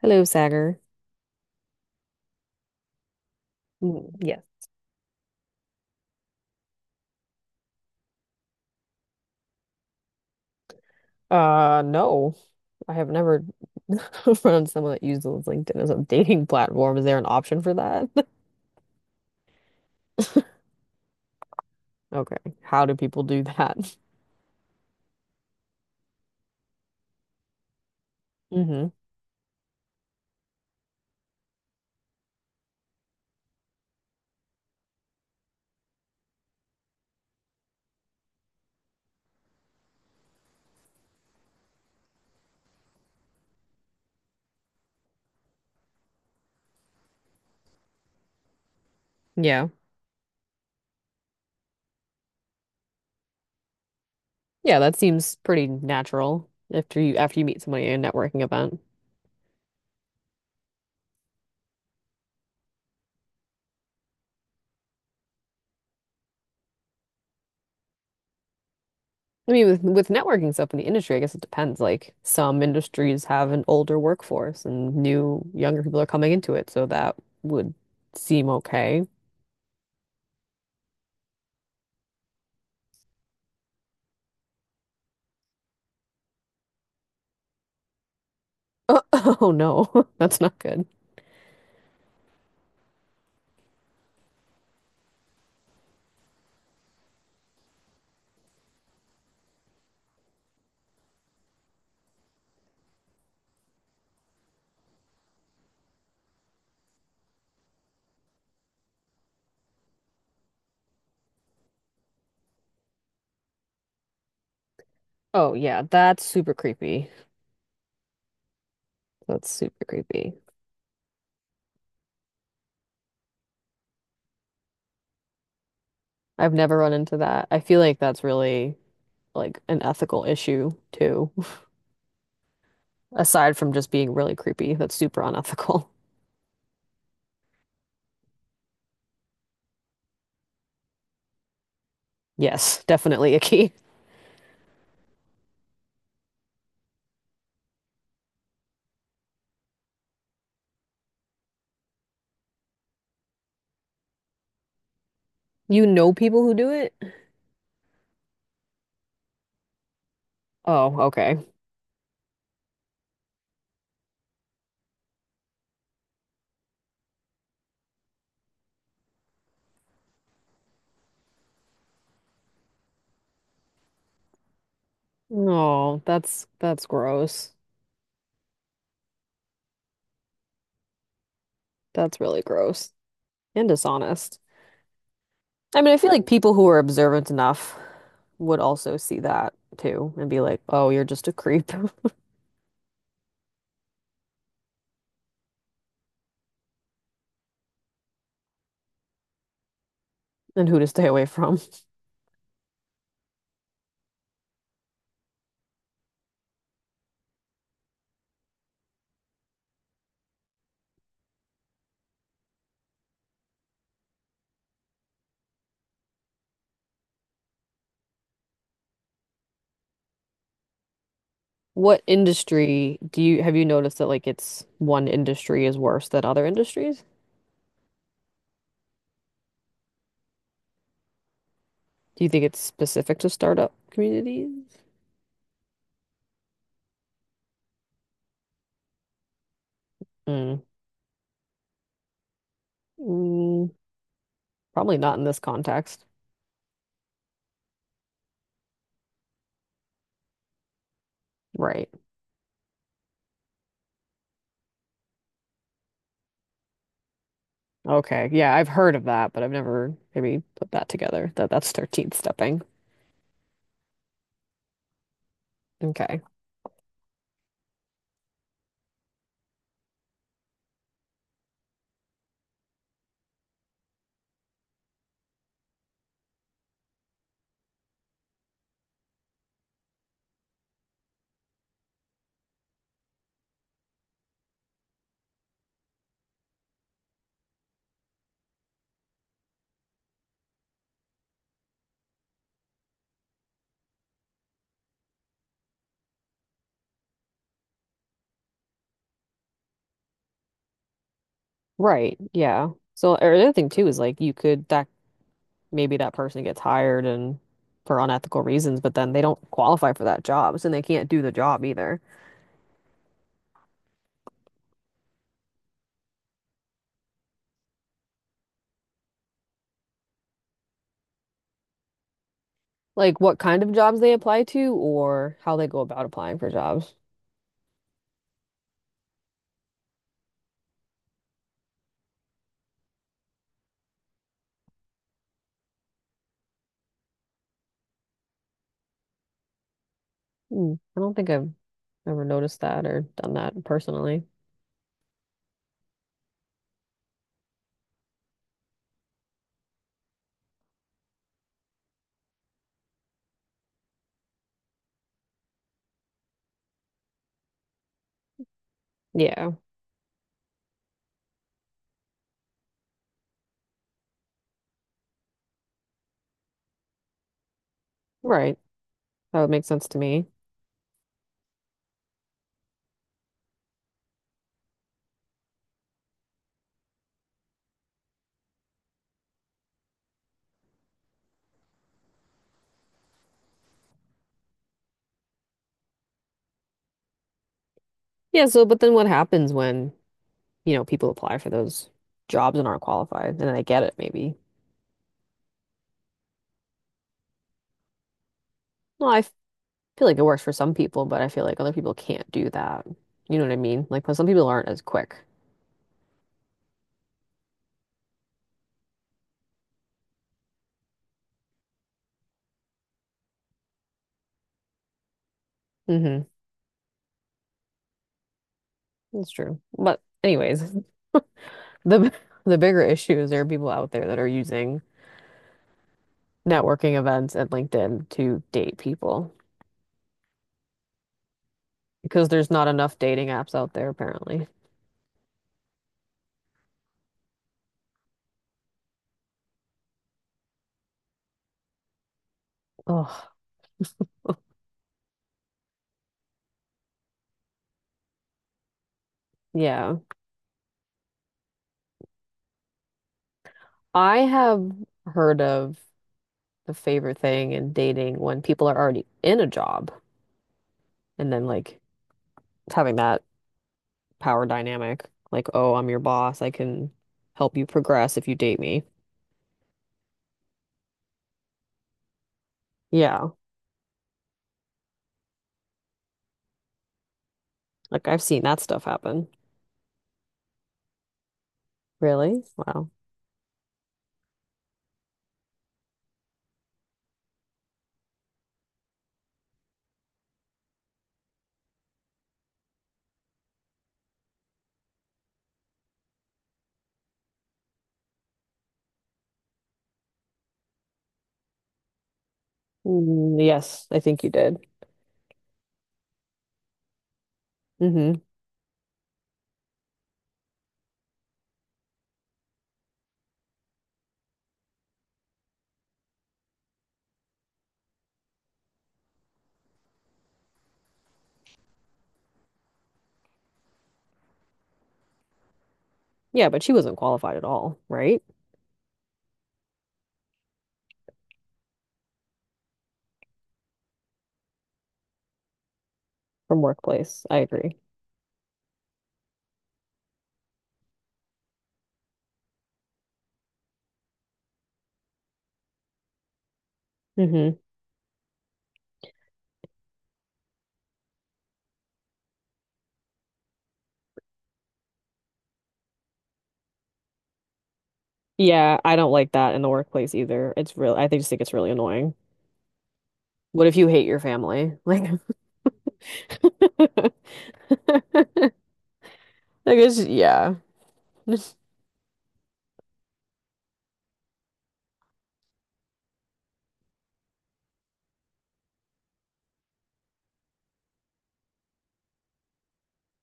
Hello, Sagar. Mm, yes. Uh, no, I have never found someone that uses LinkedIn as a dating platform. Is there an option for that? Okay. How do people do that? hmm Yeah. Yeah, that seems pretty natural after you meet somebody at a networking event. I mean, with networking stuff in the industry, I guess it depends. Like some industries have an older workforce and new younger people are coming into it, so that would seem okay. Oh, no, that's not good. Oh yeah, that's super creepy. That's super creepy. I've never run into that. I feel like that's really like an ethical issue too. Aside from just being really creepy, that's super unethical. Yes, definitely icky. You know people who do it? Oh, okay. Oh, that's gross. That's really gross and dishonest. I mean, I feel like people who are observant enough would also see that too and be like, "Oh, you're just a creep." And who to stay away from. What industry do you noticed that, like, it's one industry is worse than other industries? Do you think it's specific to startup communities? Mm, Mm, probably not in this context. Right. Okay. Yeah, I've heard of that, but I've never maybe put that together that that's 13th stepping. Okay. Right. Yeah. So or the other thing too is like you could that maybe that person gets hired and for unethical reasons, but then they don't qualify for that job, so they can't do the job either. Like what kind of jobs they apply to or how they go about applying for jobs. Hmm. I don't think I've ever noticed that or done that personally. Yeah. Right. That would make sense to me. Yeah, so but then what happens when, you know, people apply for those jobs and aren't qualified, and then they get it maybe. Well, I f- feel like it works for some people, but I feel like other people can't do that. You know what I mean? Like, but some people aren't as quick. Hmm. That's true. But anyways, the the bigger issue is there are people out there that are using networking events and LinkedIn to date people because there's not enough dating apps out there apparently. Oh, yeah. I have heard of the favorite thing in dating when people are already in a job and then like having that power dynamic. Like, oh, I'm your boss. I can help you progress if you date me. Yeah. Like I've seen that stuff happen. Really? Wow. Mm, yes, I think you did. Hmm. Yeah, but she wasn't qualified at all, right? From workplace. I agree. Hmm. Yeah, I don't like that in the workplace either. It's real. Just think it's really annoying. What if you hate your family? Like, like it's yeah.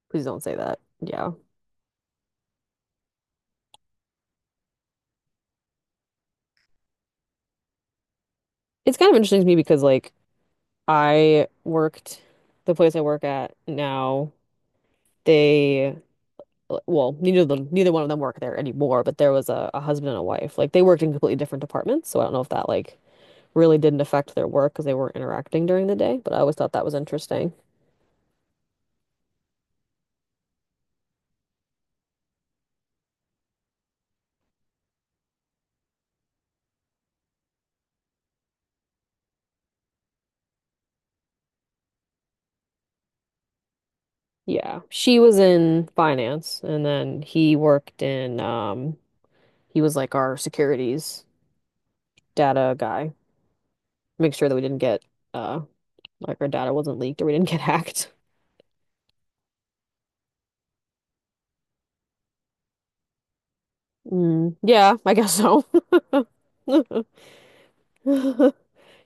Please don't say that. Yeah. It's kind of interesting to me because like I worked the place I work at now. They, well, neither one of them work there anymore, but there was a, husband and a wife. Like they worked in completely different departments, so I don't know if that, like, really didn't affect their work because they weren't interacting during the day, but I always thought that was interesting. Yeah. She was in finance and then he worked in he was like our securities data guy. Make sure that we didn't get uh like our data wasn't leaked or we didn't get hacked. Mm, yeah, I guess so.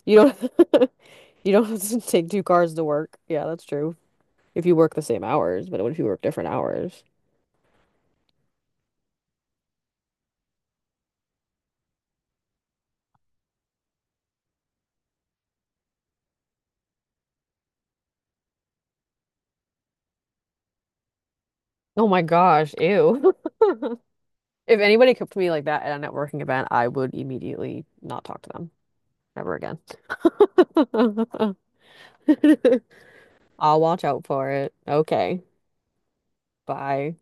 You don't you don't have to take two cars to work. Yeah, that's true. If you work the same hours, but what if you work different hours? Oh my gosh, ew. If anybody came to me like that at a networking event, I would immediately not talk to them ever again. I'll watch out for it. Okay. Bye.